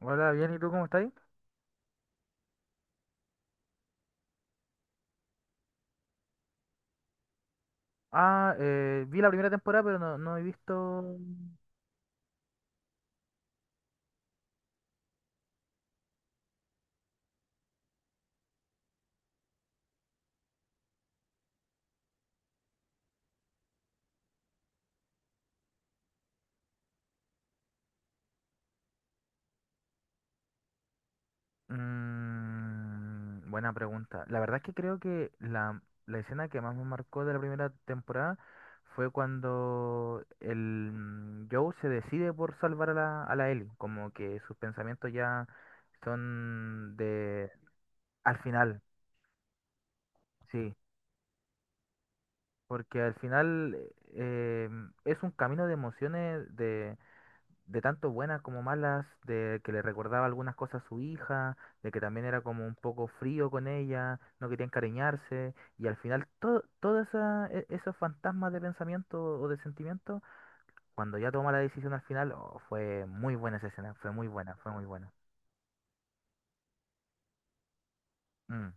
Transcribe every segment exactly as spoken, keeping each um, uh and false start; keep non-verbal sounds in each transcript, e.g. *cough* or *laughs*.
Hola, bien, ¿y tú cómo estás? Ah, eh, vi la primera temporada, pero no, no he visto... Mm, buena pregunta. La verdad es que creo que la, la escena que más me marcó de la primera temporada fue cuando el mm, Joe se decide por salvar a la, a la Ellie, como que sus pensamientos ya son de... Al final, sí, porque al final eh, es un camino de emociones de... De tanto buenas como malas, de que le recordaba algunas cosas a su hija, de que también era como un poco frío con ella, no quería encariñarse, y al final todo, todo esa- e- esos fantasmas de pensamiento o de sentimiento, cuando ya toma la decisión al final, oh, fue muy buena esa escena, fue muy buena, fue muy buena. Mm,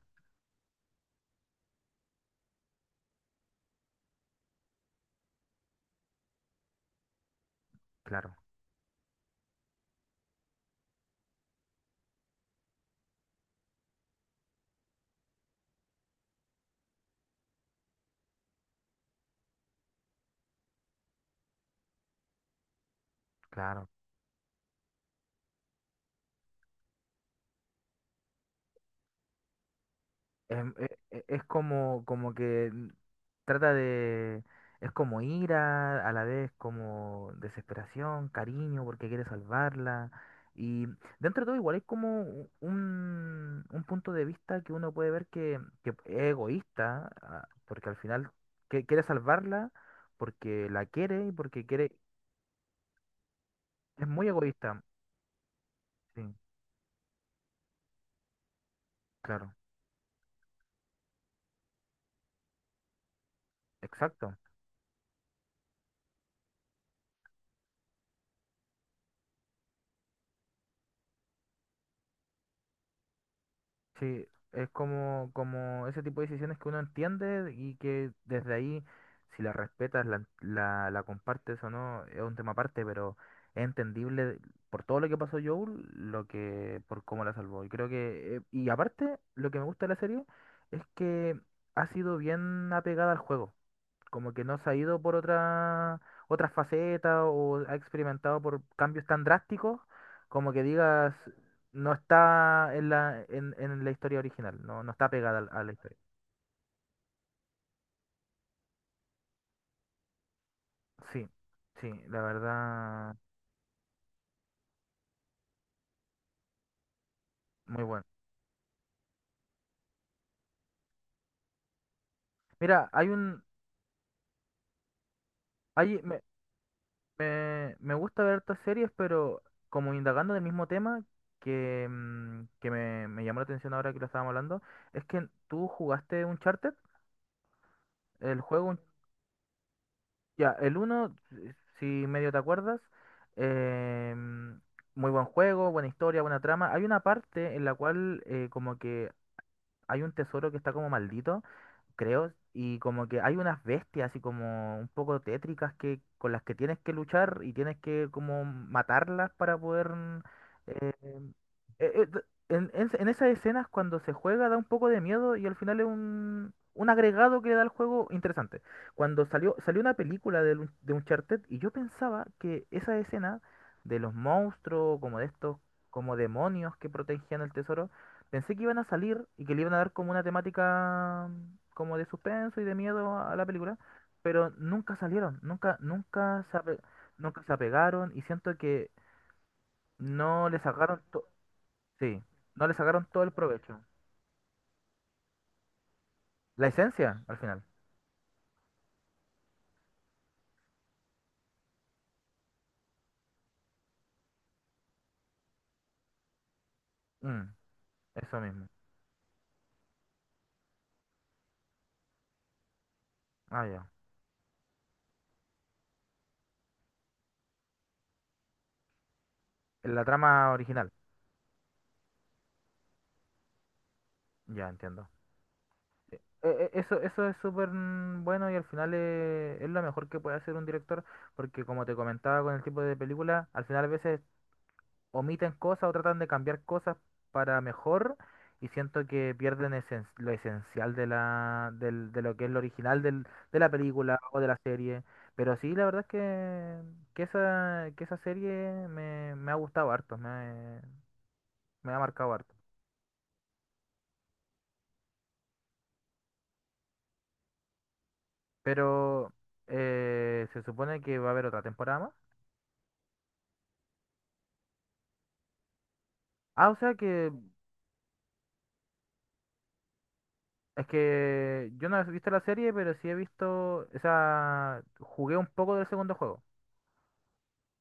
claro, claro. em, e- e- Es, como, como que n- trata de... Es como ira, a la vez como desesperación, cariño, porque quiere salvarla. Y dentro de todo igual es como u- un, un punto de vista que uno puede ver que, que es egoísta, ah, porque al final que- quiere salvarla porque la quiere y porque quiere... Es muy egoísta. Sí, claro, exacto. Sí, es como, como ese tipo de decisiones que uno entiende y que desde ahí, si la respetas, la, la, la compartes o no, es un tema aparte, pero es entendible por todo lo que pasó Joel, lo que, por cómo la salvó. Y creo que, eh, y aparte, lo que me gusta de la serie es que ha sido bien apegada al juego como que no se ha ido por otra, otra faceta o ha experimentado por cambios tan drásticos, como que digas, no está en la, en, en la historia original, no, no está pegada al- a la historia. Sí, sí, la verdad, muy bueno. Mira, hay un, hay, me, me, me gusta ver estas series, pero como indagando del mismo tema, que, mm, que me, me llamó la atención ahora que lo estábamos hablando, es que tú jugaste Uncharted, el juego. Ya, el uno si si medio te acuerdas, em, muy buen juego, buena historia, buena trama. Hay una parte en la cual eh, como que hay un tesoro que está como maldito creo, y como que hay unas bestias así como un poco tétricas que con las que tienes que luchar y tienes que como matarlas para poder mm, eh, eh, eh, d- en, en- en esas escenas cuando se juega da un poco de miedo y al final es un, un agregado que le da al juego interesante. Cuando salió, salió una película de, un de Uncharted y yo pensaba que esa escena de los monstruos, como de estos, como demonios que protegían el tesoro, pensé que iban a salir y que le iban a dar como una temática mm, como de suspenso y de miedo a la película, pero nunca salieron, nunca, nunca se ape- nunca se apegaron y siento que no le sacaron to- sí, no le sacaron todo el provecho. La esencia, al final. Mm, eso mismo. Ah, ya. La trama original. Ya entiendo. E- e- Eso, eso es súper mm, bueno y al final eh, es, lo mejor que puede hacer un director porque como te comentaba con el tipo de película, al final a veces omiten cosas o tratan de cambiar cosas para mejor y siento que pierden esen- lo esencial de la, del- de lo que es lo original del- de la película o de la serie. Pero sí, la verdad es que, que esa, que esa serie me, me ha gustado harto, me, me ha marcado harto. Pero eh, se supone que va a haber otra temporada más. Ah, o sea que es que yo no he visto la serie, pero sí he visto, o sea, jugué un poco del segundo juego.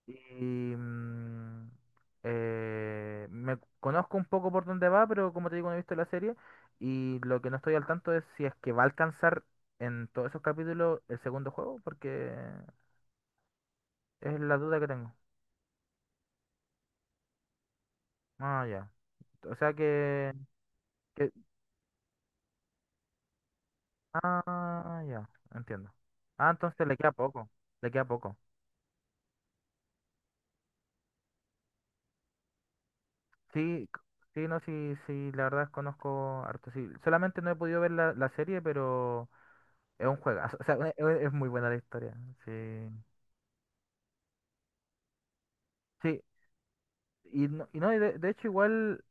Y mm, eh, me conozco un poco por dónde va, pero como te digo, no he visto la serie. Y lo que no estoy al tanto es si es que va a alcanzar en todos esos capítulos el segundo juego, porque es la duda que tengo. Ah, ya. O sea que, que- Ah, ya. Entiendo. Ah, entonces le queda poco. Le queda poco. Sí, c- sí, no, sí, sí, la verdad es conozco harto. Sí, solamente no he podido ver la, la serie, pero. Es un juegazo, o sea, es, es muy buena la historia. Sí. Sí, y no, y no, y de, de hecho igual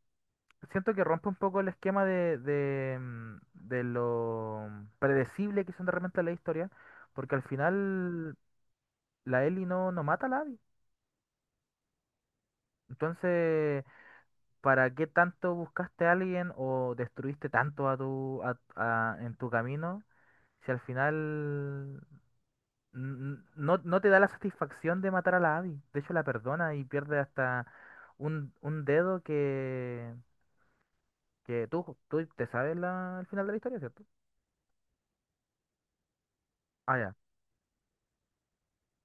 siento que rompe un poco el esquema de, de, mm, de lo predecible que son de repente la historia, porque al final la Ellie no, no mata a la Abby. Entonces, ¿para qué tanto buscaste a alguien o destruiste tanto a tu, a- a- en tu camino si al final n- no, no te da la satisfacción de matar a la Abby? De hecho, la perdona y pierde hasta un, un dedo que, que tú, tú te sabes la, el final de la historia, ¿cierto? Ah, ya.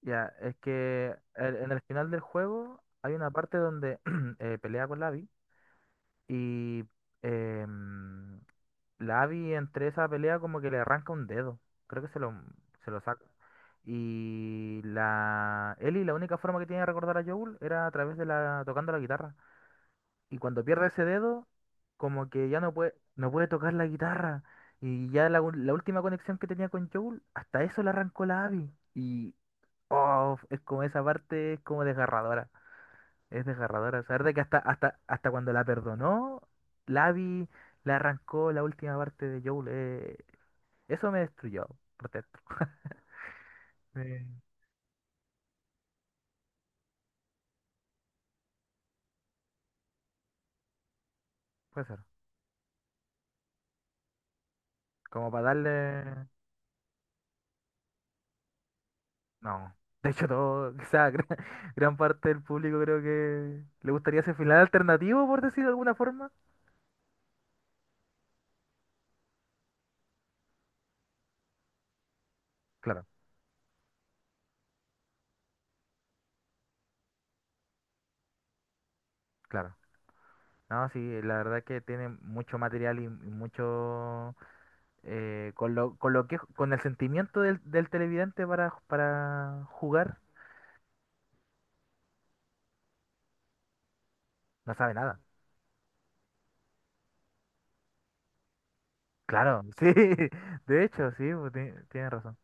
Ya, es que el- en el final del juego hay una parte donde *clears throat* eh, pelea con la Abby y em, la Abby entre esa pelea como que le arranca un dedo. Creo que se lo, se lo saca. Y la Ellie, la única forma que tiene de recordar a Joel era a través de la tocando la guitarra. Y cuando pierde ese dedo, como que ya no puede, no puede tocar la guitarra. Y ya la, u- la última conexión que tenía con Joel, hasta eso le arrancó la A V I. Y oh, es como esa parte, es como desgarradora. Es desgarradora. Saber de que hasta, hasta, hasta cuando la perdonó, la A V I le arrancó la última parte de Joel. eh, eso me destruyó por dentro. Eh, puede ser. Como para darle. No. De hecho, todo, quizá *laughs* gran, gran parte del público creo que le gustaría ese final alternativo, por decir de alguna forma. Claro, claro. No, sí, la verdad que tiene mucho material y, y mucho eh, con lo, con lo que con el sentimiento del, del televidente para, para jugar, no sabe nada. Claro, sí, *laughs* de hecho, sí, pues, ti- tienes razón.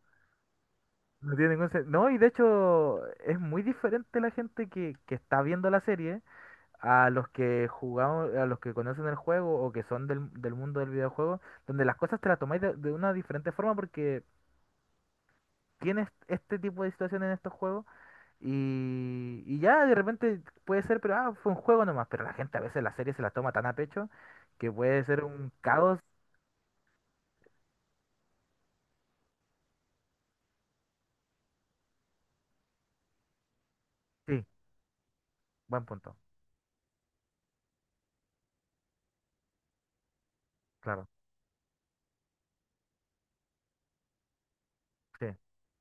No tiene ningún sen- No, y de hecho es muy diferente la gente que, que está viendo la serie a los que jugamos, a los que conocen el juego o que son del, del mundo del videojuego, donde las cosas te las tomáis de, de una diferente forma porque tienes este tipo de situaciones en estos juegos y, y ya de repente puede ser, pero ah, fue un juego nomás, pero la gente a veces la serie se la toma tan a pecho que puede ser un caos. Sí, buen punto, claro. Sí.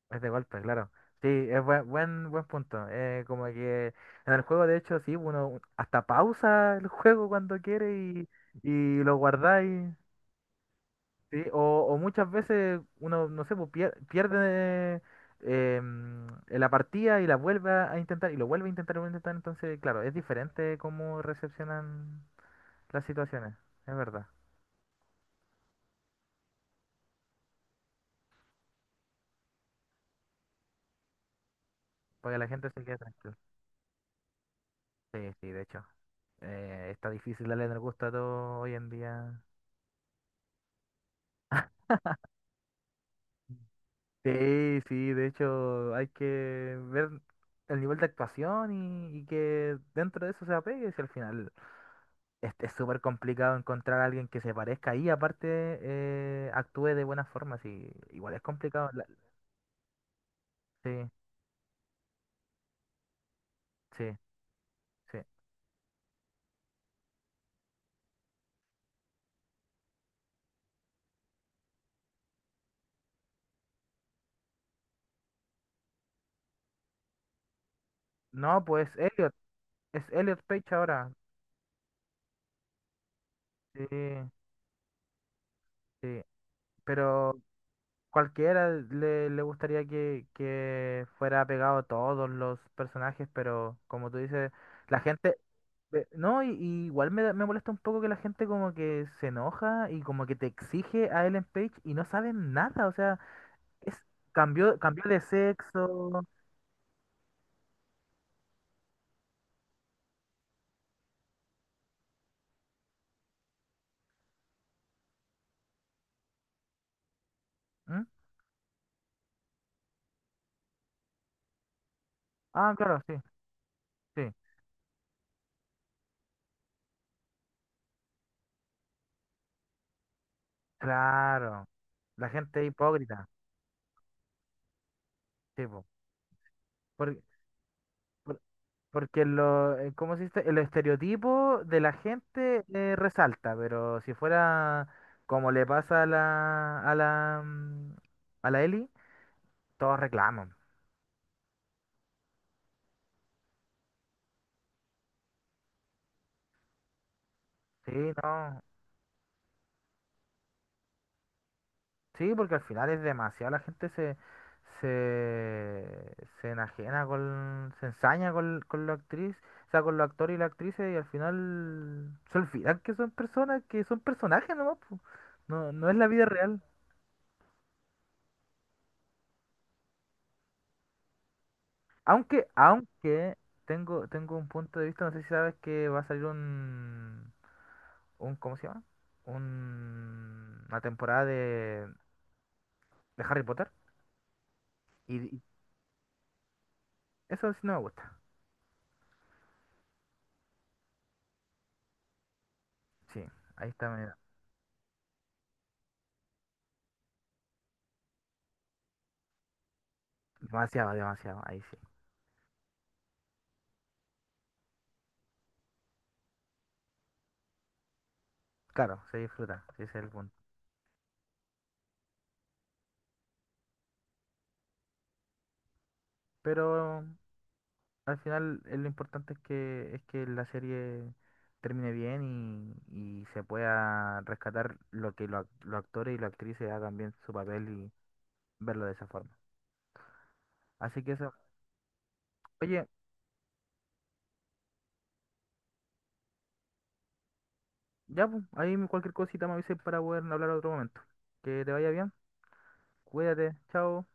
Es de golpe, claro. Sí, es buen, buen, buen punto. Eh, como que en el juego, de hecho, sí, uno hasta pausa el juego cuando quiere y, y lo guardáis. Sí, o, o muchas veces uno, no sé, pues, pier- pierde eh, mm, la partida y la vuelve a intentar y lo vuelve a intentar y lo vuelve a intentar. Entonces, claro, es diferente cómo recepcionan las situaciones. Es verdad. Porque la gente se queda tranquila. Sí, sí, de hecho. Eh, está difícil darle en el gusto a todo hoy en día. Sí, sí, de hecho hay que ver el nivel de actuación y, y que dentro de eso se apegue, si al final es es súper complicado encontrar a alguien que se parezca y aparte eh, actúe de buena forma, sí, igual es complicado. La- sí, sí, sí. No, pues Elliot, es Elliot Page ahora, sí, sí, pero cualquiera le, le gustaría que, que fuera pegado a todos los personajes, pero como tú dices... La gente, Ve- No, y, y igual me, da- me molesta un poco que la gente como que se enoja y como que te exige a Ellen Page y no saben nada, o sea, es cambió, cambió de sexo. ¿Mm? Ah, claro, sí, sí, claro. La gente es hipócrita, sí, po. Por- por- porque lo, eh, ¿cómo se dice? El estereotipo de la gente eh, resalta, pero si fuera como le pasa a la, a la, mm, a la Ellie, todos reclaman. Sí, no. Sí, porque al final es demasiado, la gente se, se, se enajena con, se ensaña con, con la actriz, o sea, con los actores y las actrices y al final se olvidan que son personas, que son personajes nomás, po. No, no es la vida real. Aunque, aunque tengo, tengo un punto de vista, no sé si sabes que va a salir un, un, ¿cómo se llama? Un- una temporada de, de Harry Potter y, y eso sí no me gusta. Sí, ahí está medio- demasiado, demasiado, ahí sí. Claro, se disfruta, sí, ese es el punto. Pero al final eh, lo importante es que, es que la serie termine bien y, y se pueda rescatar lo que lo- los actores y las actrices hagan bien su papel y verlo de esa forma. Así que eso. Oye, ya, pues, ahí cualquier cosita me avisen para poder hablar otro momento. Que te vaya bien, cuídate, chao.